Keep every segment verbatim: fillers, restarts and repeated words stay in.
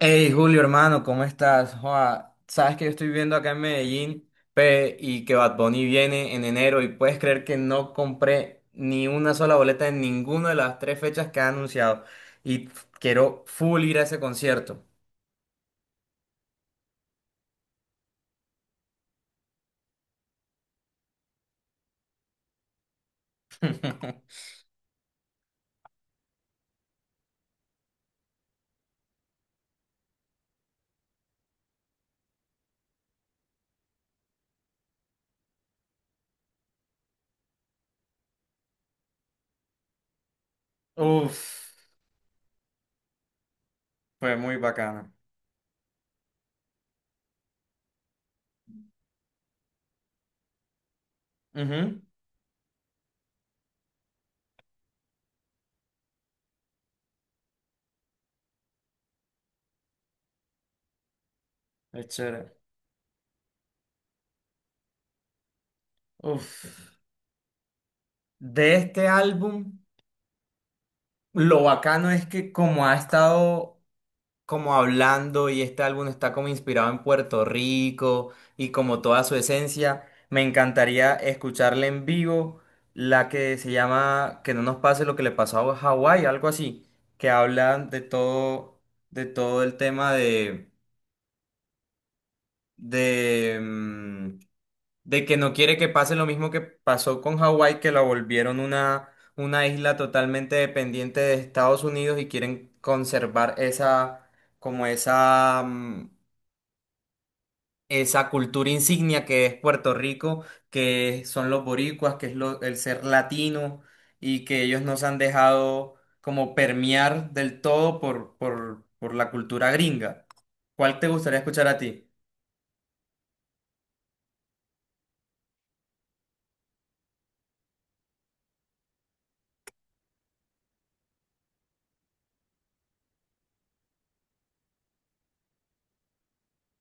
Hey Julio, hermano, ¿cómo estás? Joa, sabes que yo estoy viendo acá en Medellín pe, y que Bad Bunny viene en enero y puedes creer que no compré ni una sola boleta en ninguna de las tres fechas que ha anunciado y quiero full ir a ese concierto. Uf, fue muy bacano. Ujú, es chévere. Uf. De este álbum, lo bacano es que como ha estado como hablando y este álbum está como inspirado en Puerto Rico y como toda su esencia. Me encantaría escucharle en vivo la que se llama Que no nos pase lo que le pasó a Hawái, algo así, que habla de todo, de todo el tema de, de, mm, de que no quiere que pase lo mismo que pasó con Hawái, que la volvieron una, una isla totalmente dependiente de Estados Unidos y quieren conservar esa como esa, mm, esa cultura insignia que es Puerto Rico, que son los boricuas, que es lo- el ser latino y que ellos nos han dejado como permear del todo por, por, por la cultura gringa. ¿Cuál te gustaría escuchar a ti?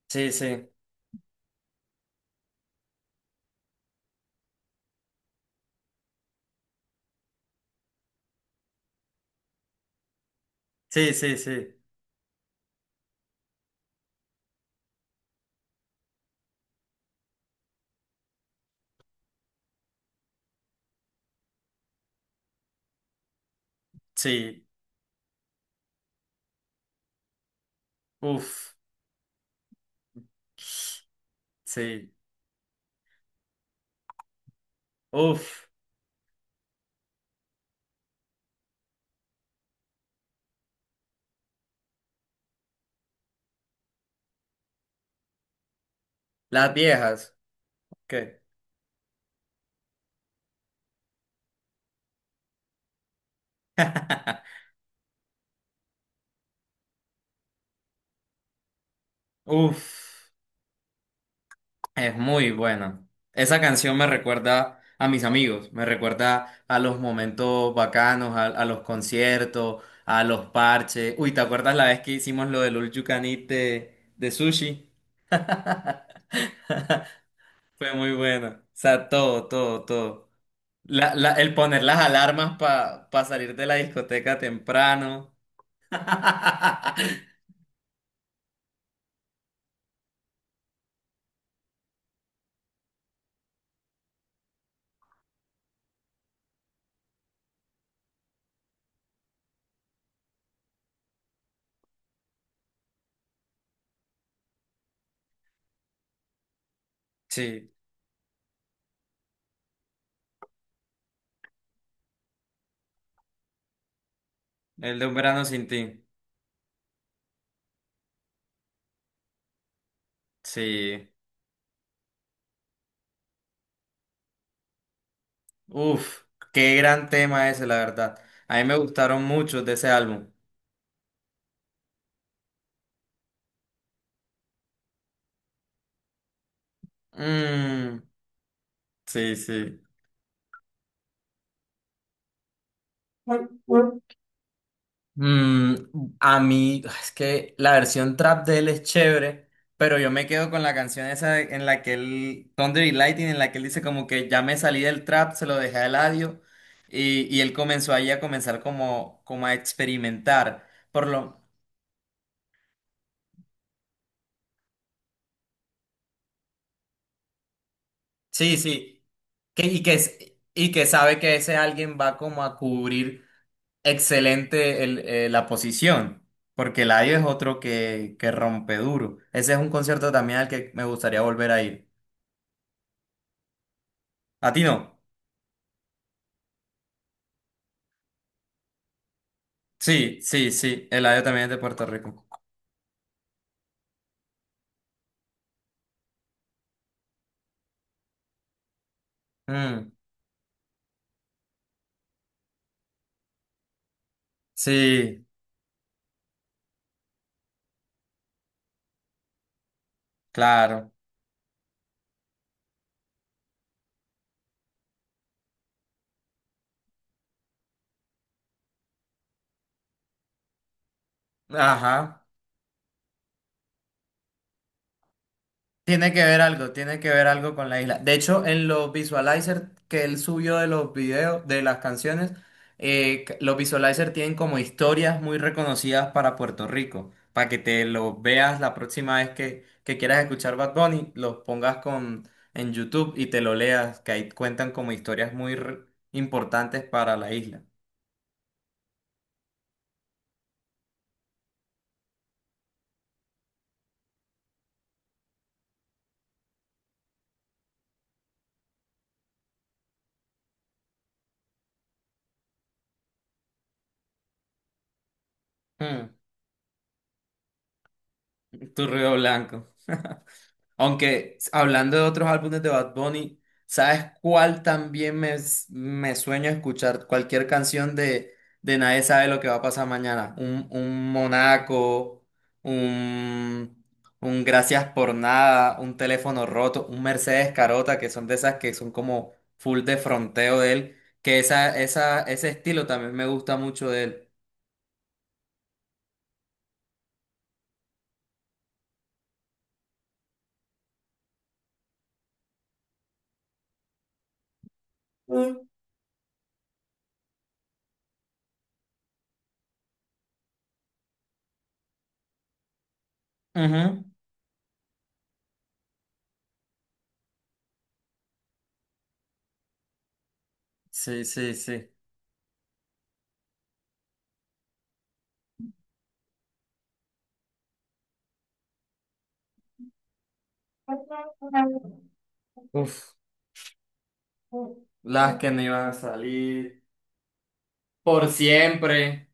Sí, sí, sí, sí, sí, sí, uf, sí, uf, las viejas, ¿qué? Uf. Es muy buena. Esa canción me recuerda a mis amigos, me recuerda a los momentos bacanos, a, a los conciertos, a los parches. Uy, ¿te acuerdas la vez que hicimos lo del All You Can Eat de, de sushi? Fue muy bueno. O sea, todo, todo, todo. La- la- el poner las alarmas para salir de la discoteca temprano. Sí, el de un verano sin ti. Sí. Uf, qué gran tema ese, la verdad. A mí me gustaron muchos de ese álbum. Mm, sí, sí. Mm, a mí, es que la versión trap de él es chévere, pero yo me quedo con la canción esa en la que él, Thunder y Lightning, en la que él dice como que ya me salí del trap, se lo dejé a Eladio, y, y él comenzó ahí a comenzar como, como a experimentar. Por lo, sí, sí, que, y, que, es- y que sabe que ese alguien va como a cubrir excelente el- eh, la posición, porque Eladio es otro que, que rompe duro. Ese es un concierto también al que me gustaría volver a ir. ¿A ti no? Sí, sí, sí, Eladio también es de Puerto Rico. Mm, sí, claro. Ajá. Tiene que ver algo, tiene que ver algo con la isla. De hecho, en los visualizers que él subió de los videos, de las canciones, eh, c- los visualizers tienen como historias muy reconocidas para Puerto Rico, para que te los veas la próxima vez que, que quieras escuchar Bad Bunny, los pongas con, en YouTube y te lo leas, que ahí cuentan como historias muy re- importantes para la isla. Mm, tu ruido blanco. Aunque hablando de otros álbumes de Bad Bunny, ¿sabes cuál también me, me sueño escuchar? Cualquier canción de, de Nadie sabe lo que va a pasar mañana. Un, un Monaco, un, un Gracias por nada, un teléfono roto, un Mercedes Carota, que son de esas que son como full de fronteo de él. Que esa, esa, ese estilo también me gusta mucho de él. Mm. Ujú. Sí, sí, sí. Uf, las que no iban a salir. Por siempre.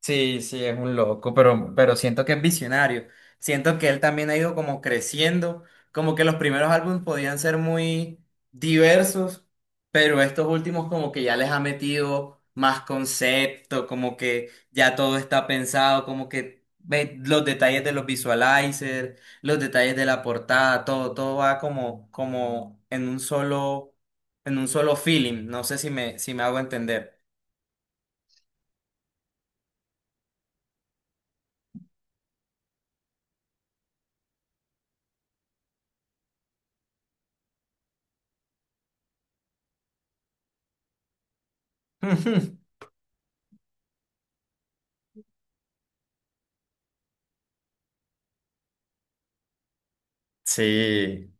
Sí, sí, es un loco, pero, pero siento que es visionario. Siento que él también ha ido como creciendo, como que los primeros álbumes podían ser muy diversos, pero estos últimos como que ya les ha metido más concepto, como que ya todo está pensado, como que ve los detalles de los visualizers, los detalles de la portada, todo, todo va como, como en un solo, en un solo feeling. No sé si me, si me hago entender. Sí,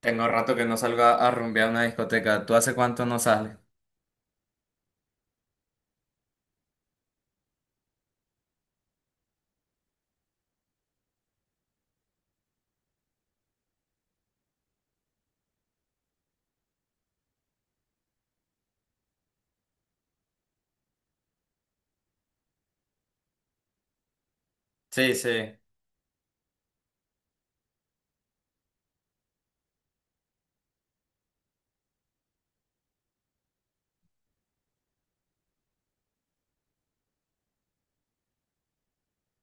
tengo rato que no salgo a, a rumbear a una discoteca. ¿Tú hace cuánto no sales? Sí, sí.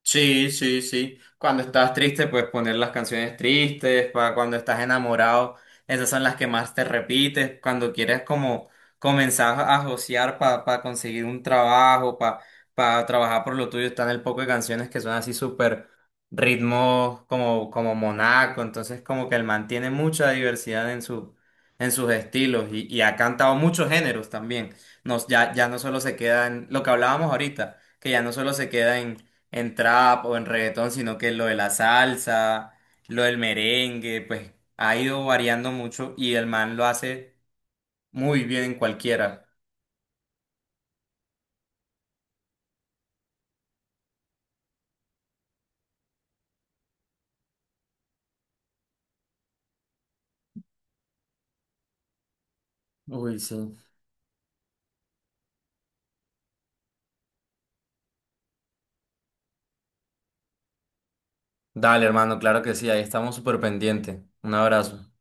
Sí, sí, sí. Cuando estás triste, pues poner las canciones tristes, para cuando estás enamorado, esas son las que más te repites, cuando quieres como comenzar a josear para conseguir un trabajo, para trabajar por lo tuyo, están el poco de canciones que son así súper ritmos como, como monaco, entonces como que él mantiene mucha diversidad en su, en sus estilos y, y ha cantado muchos géneros también. No, ya, ya no solo se queda en lo que hablábamos ahorita, que ya no solo se queda en en trap o en reggaetón, sino que lo de la salsa, lo del merengue, pues ha ido variando mucho y el man lo hace muy bien en cualquiera. Uy, sí. Dale, hermano, claro que sí, ahí estamos súper pendientes. Un abrazo.